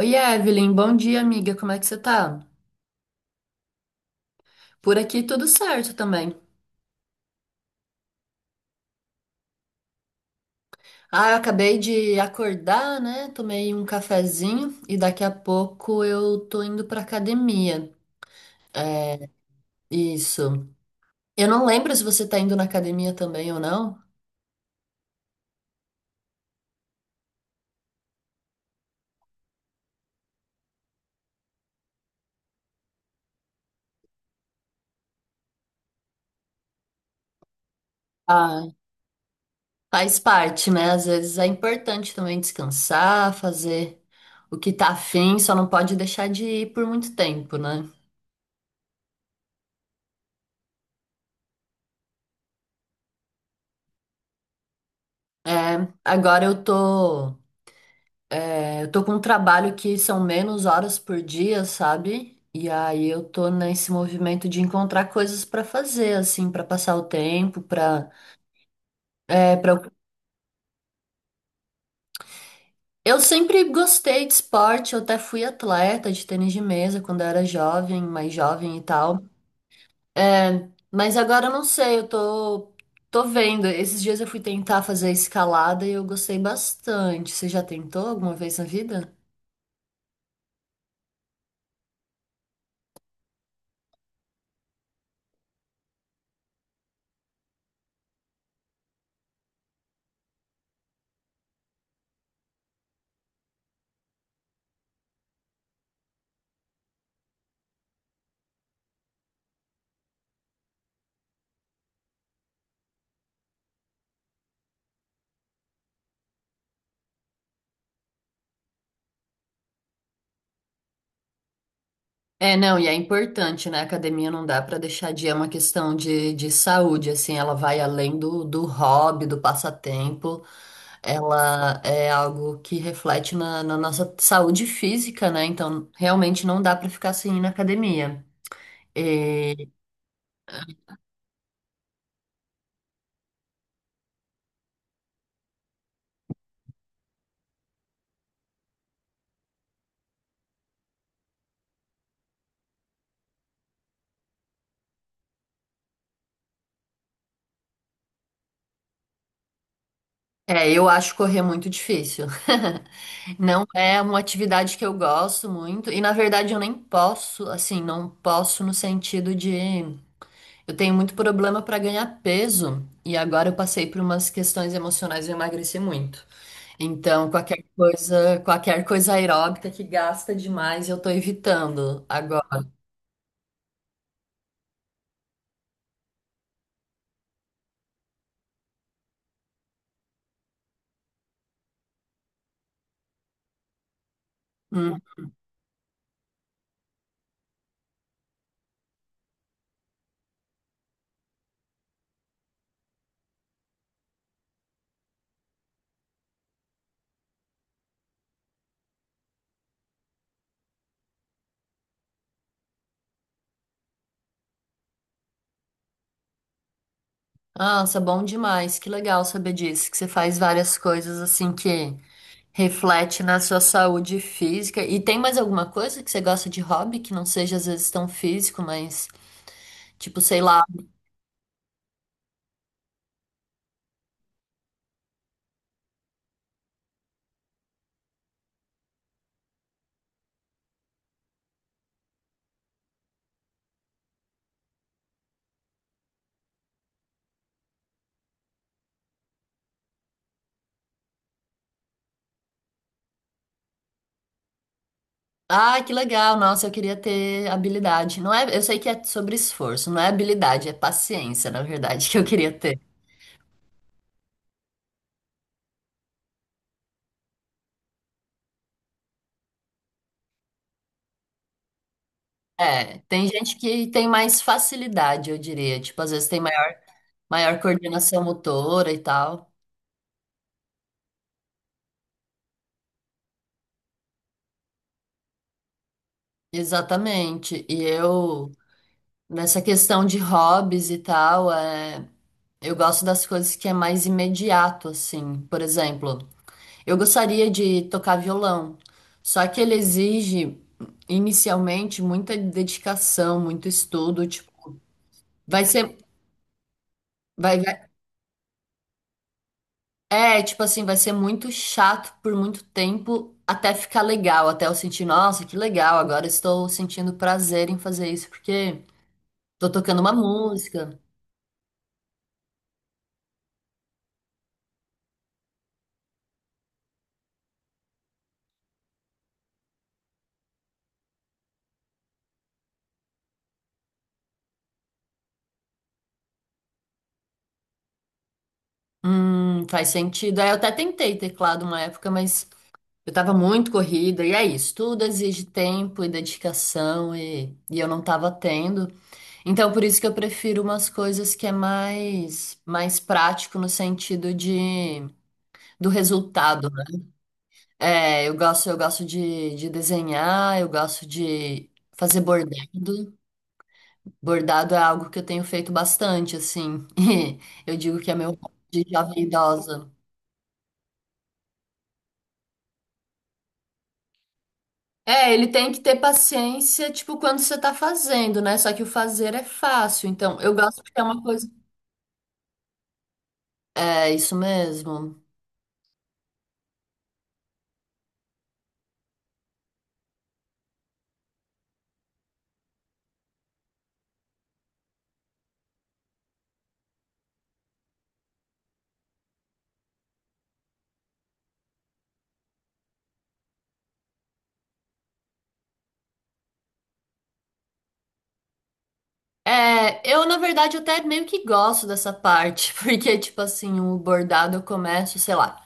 Oi, Evelyn, bom dia, amiga. Como é que você tá? Por aqui tudo certo também. Ah, eu acabei de acordar, né? Tomei um cafezinho e daqui a pouco eu tô indo pra academia. É, isso. Eu não lembro se você tá indo na academia também ou não. Ah, faz parte, né? Às vezes é importante também descansar, fazer o que tá afim, só não pode deixar de ir por muito tempo, né? É, agora eu tô. É, eu tô com um trabalho que são menos horas por dia, sabe? E aí eu tô nesse movimento de encontrar coisas pra fazer, assim, pra passar o tempo, pra. É, para eu sempre gostei de esporte, eu até fui atleta de tênis de mesa quando eu era jovem, mais jovem e tal. É, mas agora eu não sei, eu tô vendo. Esses dias eu fui tentar fazer escalada e eu gostei bastante. Você já tentou alguma vez na vida? É, não, e é importante, né? A academia não dá para deixar de é uma questão de saúde, assim, ela vai além do hobby, do passatempo, ela é algo que reflete na nossa saúde física, né? Então, realmente não dá para ficar sem ir na academia. E- é, eu acho correr muito difícil. Não é uma atividade que eu gosto muito, e na verdade eu nem posso, assim, não posso no sentido de. Eu tenho muito problema para ganhar peso e agora eu passei por umas questões emocionais e eu emagreci muito. Então, qualquer coisa aeróbica que gasta demais, eu tô evitando agora. Hum. Nossa, bom demais. Que legal saber disso, que você faz várias coisas assim que reflete na sua saúde física. E tem mais alguma coisa que você gosta de hobby que não seja às vezes tão físico, mas tipo, sei lá, ah, que legal. Nossa, eu queria ter habilidade. Não é, eu sei que é sobre esforço, não é habilidade, é paciência, na verdade, que eu queria ter. É, tem gente que tem mais facilidade, eu diria. Tipo, às vezes tem maior, maior coordenação motora e tal. Exatamente. E eu, nessa questão de hobbies e tal, é, eu gosto das coisas que é mais imediato, assim. Por exemplo, eu gostaria de tocar violão, só que ele exige inicialmente muita dedicação, muito estudo, tipo, vai ser vai, vai- é, tipo assim, vai ser muito chato por muito tempo até ficar legal, até eu sentir, nossa, que legal, agora estou sentindo prazer em fazer isso porque tô tocando uma música. Faz sentido. Aí eu até tentei teclado uma época, mas eu tava muito corrida, e é isso, tudo exige tempo e dedicação, e eu não tava tendo. Então, por isso que eu prefiro umas coisas que é mais prático no sentido de do resultado, né? É, eu gosto de desenhar, eu gosto de fazer bordado. Bordado é algo que eu tenho feito bastante, assim. E eu digo que é meu hobby de jovem idosa. É, ele tem que ter paciência, tipo, quando você tá fazendo, né? Só que o fazer é fácil. Então, eu gosto porque é uma coisa. É isso mesmo. É, eu na verdade até meio que gosto dessa parte, porque tipo assim, o bordado eu começo, sei lá.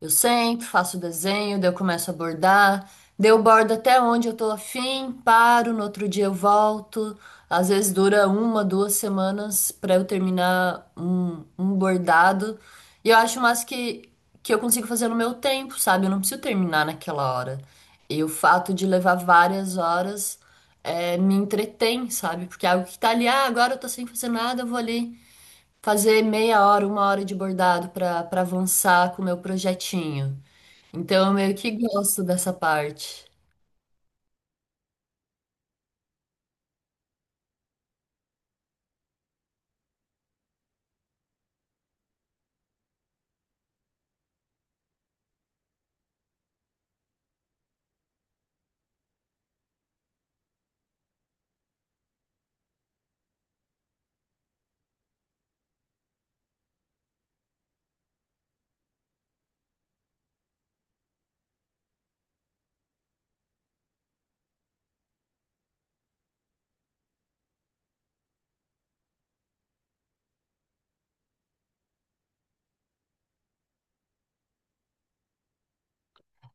Eu sento, faço o desenho, daí eu começo a bordar, daí eu bordo até onde eu tô afim, paro, no outro dia eu volto. Às vezes dura uma, duas semanas pra eu terminar um bordado. E eu acho mais que eu consigo fazer no meu tempo, sabe? Eu não preciso terminar naquela hora. E o fato de levar várias horas me entretém, sabe? Porque é algo que tá ali, ah, agora eu tô sem fazer nada, eu vou ali fazer meia hora, uma hora de bordado para avançar com o meu projetinho. Então eu meio que gosto dessa parte.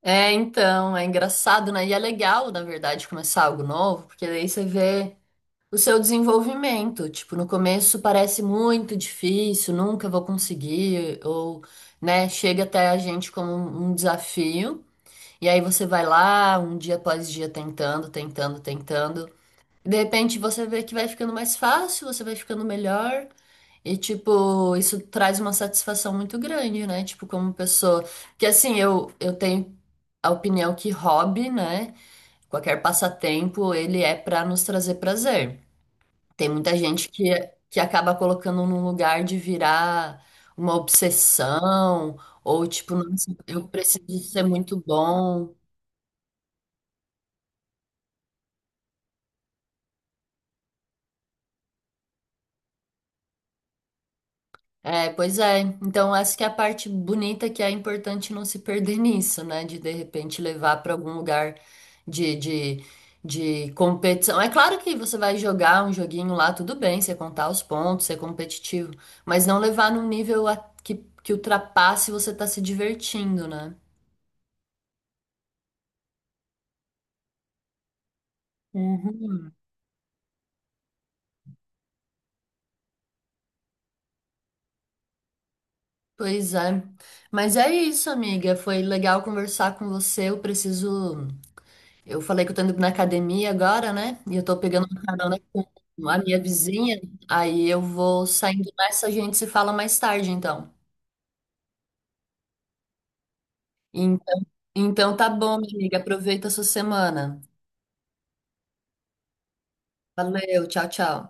É, então, é engraçado, né? E é legal, na verdade, começar algo novo, porque daí você vê o seu desenvolvimento. Tipo, no começo parece muito difícil, nunca vou conseguir, ou, né, chega até a gente como um desafio. E aí você vai lá, um dia após dia, tentando, tentando, tentando. De repente você vê que vai ficando mais fácil, você vai ficando melhor. E, tipo, isso traz uma satisfação muito grande, né? Tipo, como pessoa. Que assim, eu tenho a opinião que hobby, né? Qualquer passatempo, ele é pra nos trazer prazer. Tem muita gente que acaba colocando num lugar de virar uma obsessão, ou tipo, nossa, eu preciso ser muito bom. É, pois é. Então, essa que é a parte bonita é que é importante não se perder nisso, né? De repente levar para algum lugar de, de, de competição. É claro que você vai jogar um joguinho lá, tudo bem, você contar os pontos, ser competitivo, mas não levar num nível a- que, que ultrapasse você tá se divertindo, né? Uhum. Pois é. Mas é isso, amiga. Foi legal conversar com você. Eu preciso. Eu falei que eu tô indo na academia agora, né? E eu tô pegando uma carona com a minha vizinha. Aí eu vou saindo nessa, a gente se fala mais tarde, então. Então, então tá bom, minha amiga. Aproveita a sua semana. Valeu, tchau, tchau.